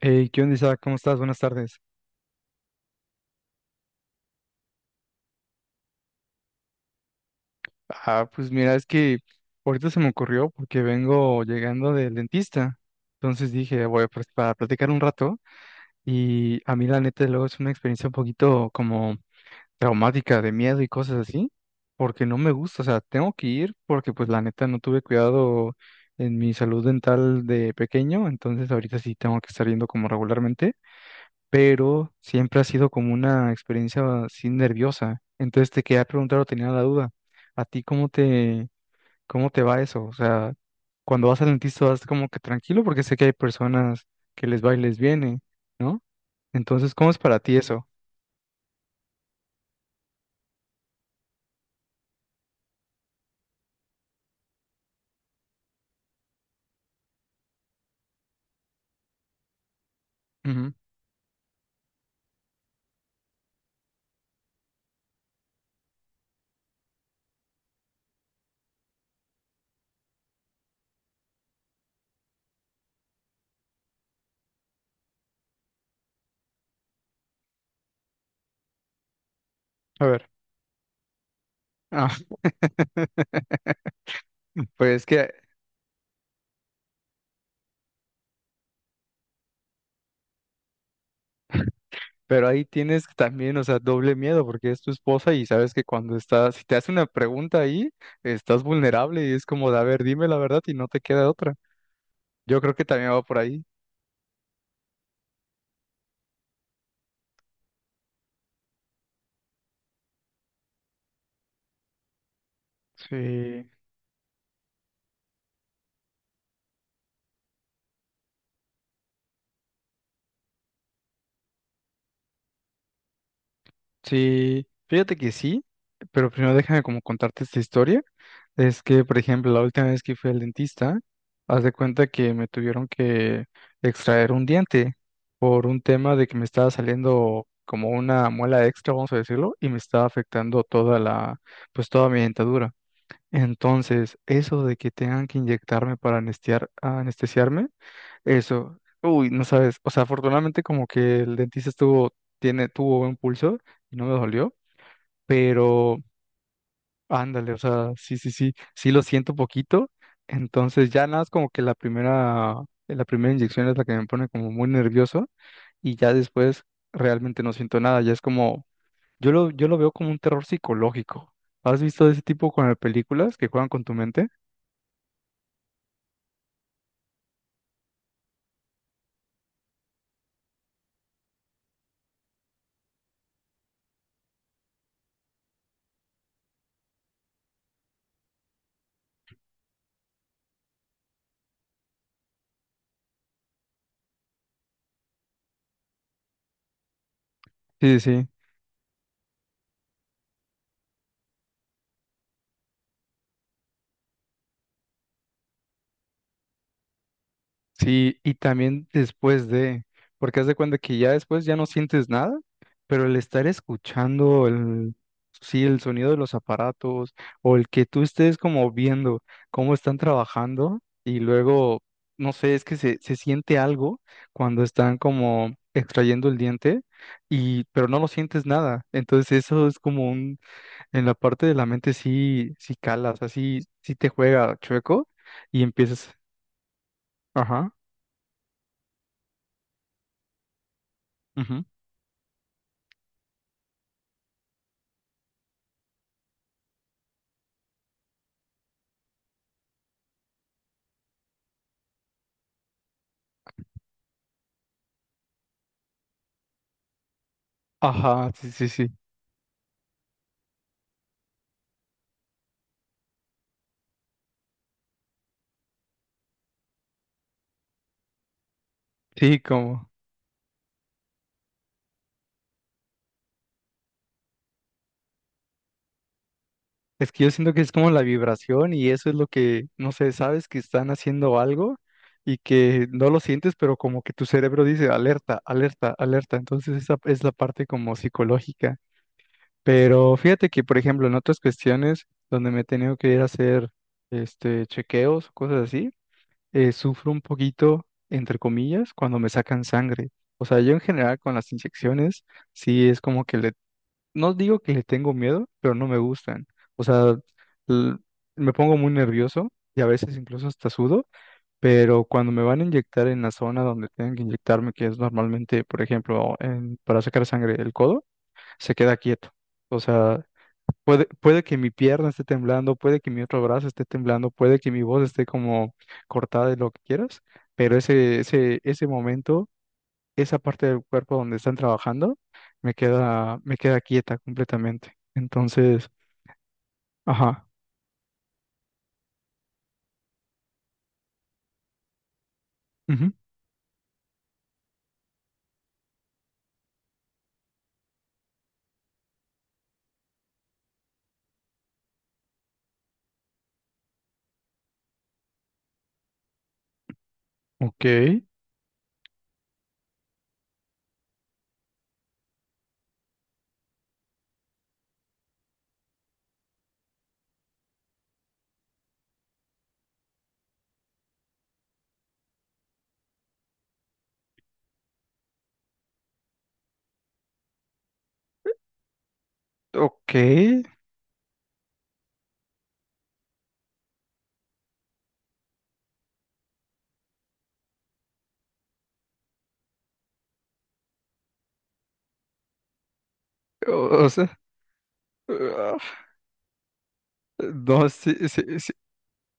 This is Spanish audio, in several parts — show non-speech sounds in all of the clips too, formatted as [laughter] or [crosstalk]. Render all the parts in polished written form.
Hey, ¿qué onda, Isaac? ¿Cómo estás? Buenas tardes. Ah, pues mira, es que ahorita se me ocurrió porque vengo llegando del dentista. Entonces dije, voy a para platicar un rato. Y a mí, la neta, luego es una experiencia un poquito como traumática, de miedo y cosas así, porque no me gusta. O sea, tengo que ir porque, pues, la neta, no tuve cuidado en mi salud dental de pequeño. Entonces, ahorita sí tengo que estar yendo como regularmente, pero siempre ha sido como una experiencia así nerviosa. Entonces te quería preguntar o tenía la duda, ¿a ti cómo te va eso? O sea, cuando vas al dentista vas como que tranquilo porque sé que hay personas que les va y les viene, ¿no? Entonces, ¿cómo es para ti eso? Ujú. A ver. Ah, [laughs] pues es que, pero ahí tienes también, o sea, doble miedo porque es tu esposa y sabes que cuando estás, si te hace una pregunta ahí, estás vulnerable y es como de, a ver, dime la verdad y no te queda otra. Yo creo que también va por ahí. Sí, sí, fíjate que sí, pero primero déjame como contarte esta historia. Es que, por ejemplo, la última vez que fui al dentista, haz de cuenta que me tuvieron que extraer un diente por un tema de que me estaba saliendo como una muela extra, vamos a decirlo, y me estaba afectando pues toda mi dentadura. Entonces, eso de que tengan que inyectarme para anestesiarme, eso, uy, no sabes, o sea, afortunadamente como que el dentista tuvo buen pulso y no me dolió, pero ándale, o sea, sí, sí, sí, sí lo siento poquito, entonces ya nada, es como que la primera inyección es la que me pone como muy nervioso y ya después realmente no siento nada, ya es como, yo lo veo como un terror psicológico. ¿Has visto ese tipo con las películas que juegan con tu mente? Sí, sí, sí. Sí, y también después de, porque haz de cuenta que ya después ya no sientes nada, pero el estar escuchando el, sí, el sonido de los aparatos o el que tú estés como viendo cómo están trabajando y luego, no sé, es que se siente algo cuando están como extrayendo el diente y, pero no lo sientes nada. Entonces eso es como un, en la parte de la mente sí, sí calas, así, sí sí te juega chueco y empiezas, ajá. Ajá, sí, sí, sí. Sí, como. Es que yo siento que es como la vibración y eso es lo que, no sé, sabes que están haciendo algo y que no lo sientes, pero como que tu cerebro dice alerta, alerta, alerta. Entonces esa es la parte como psicológica. Pero fíjate que, por ejemplo, en otras cuestiones donde me he tenido que ir a hacer chequeos, cosas así, sufro un poquito, entre comillas, cuando me sacan sangre. O sea, yo en general con las inyecciones, sí es como que le no digo que le tengo miedo, pero no me gustan. O sea, l- me pongo muy nervioso y a veces incluso hasta sudo, pero cuando me van a inyectar en la zona donde tienen que inyectarme, que es normalmente, por ejemplo, para sacar sangre el codo, se queda quieto. O sea, puede que mi pierna esté temblando, puede que mi otro brazo esté temblando, puede que mi voz esté como cortada de lo que quieras, pero ese momento, esa parte del cuerpo donde están trabajando me queda quieta completamente. Entonces, ajá. Ujú, ok, ok. O, o sea, ah, no, sí, sí, sí,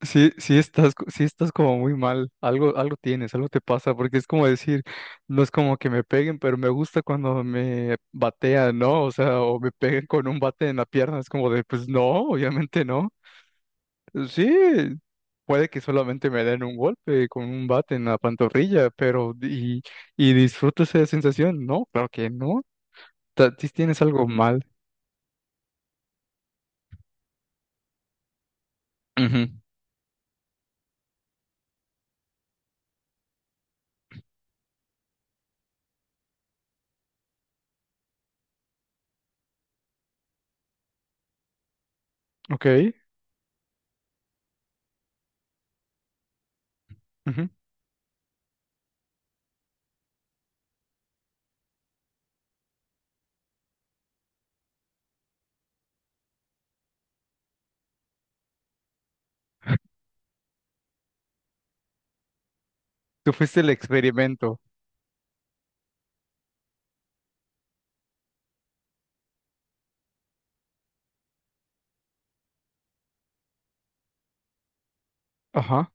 sí, sí estás como muy mal. Algo tienes, algo te pasa, porque es como decir, no es como que me peguen, pero me gusta cuando me batean, ¿no? O sea, o me peguen con un bate en la pierna. Es como de, pues no, obviamente no. Sí, puede que solamente me den un golpe con un bate en la pantorrilla, pero y disfruto esa sensación. No, claro que no. Ta- ti Tienes algo mal. Ujú. Ok. Ujú. Tú fuiste el experimento. Ajá,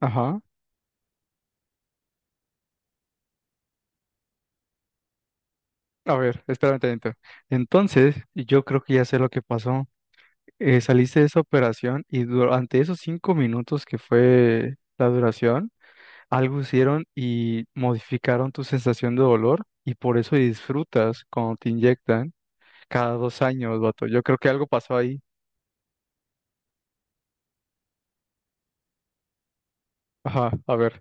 ajá. A ver, espérame tantito. Entonces, yo creo que ya sé lo que pasó. Saliste de esa operación y durante esos 5 minutos que fue la duración, algo hicieron y modificaron tu sensación de dolor y por eso disfrutas cuando te inyectan cada 2 años, vato. Yo creo que algo pasó ahí. Ajá, a ver.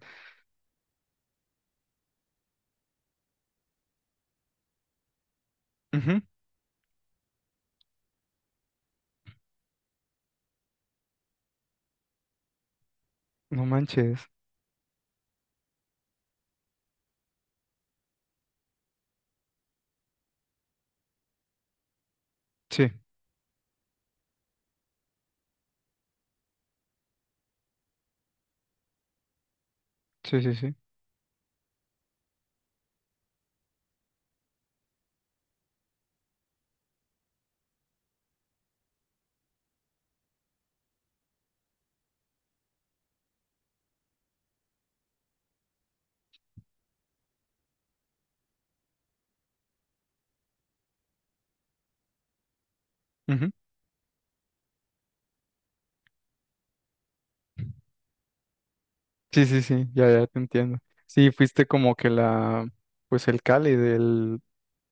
Ujú. No manches. Sí, sí, sí, sí. Ujú. Sí, sí, sí, ya, ya te entiendo. Sí, fuiste como que la, pues el cali del,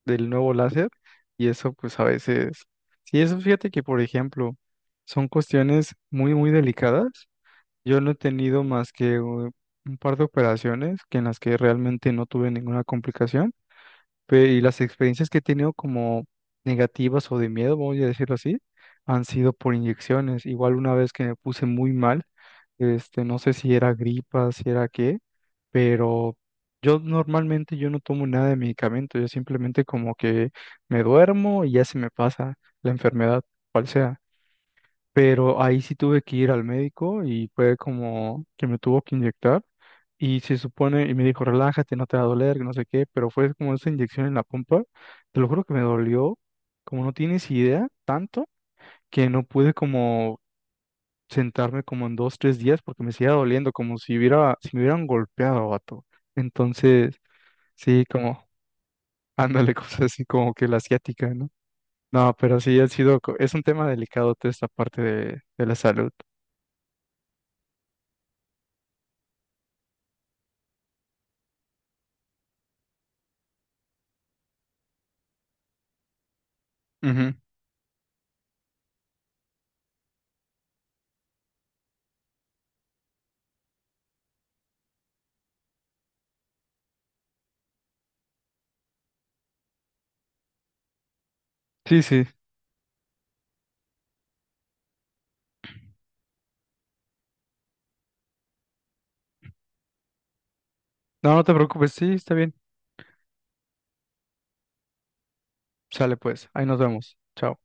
del nuevo láser y eso pues a veces, sí, eso fíjate que por ejemplo son cuestiones muy, muy delicadas. Yo no he tenido más que un par de operaciones que en las que realmente no tuve ninguna complicación, y las experiencias que he tenido como negativas o de miedo, vamos a decirlo así, han sido por inyecciones. Igual una vez que me puse muy mal, no sé si era gripa, si era qué, pero yo normalmente yo no tomo nada de medicamento, yo simplemente como que me duermo y ya se me pasa la enfermedad, cual sea. Pero ahí sí tuve que ir al médico y fue como que me tuvo que inyectar y se supone, y me dijo, relájate, no te va a doler, que no sé qué, pero fue como esa inyección en la pompa, te lo juro que me dolió, como no tienes idea, tanto que no pude como sentarme como en 2, 3 días porque me seguía doliendo, como si si me hubieran golpeado, vato. Entonces, sí, como, ándale, [laughs] cosas así como que la asiática, ¿no? No, pero sí ha sido, es un tema delicado toda esta parte de la salud. Ujú. Sí, sí. No, no te preocupes, sí, está bien. Sale pues, ahí nos vemos. Chao.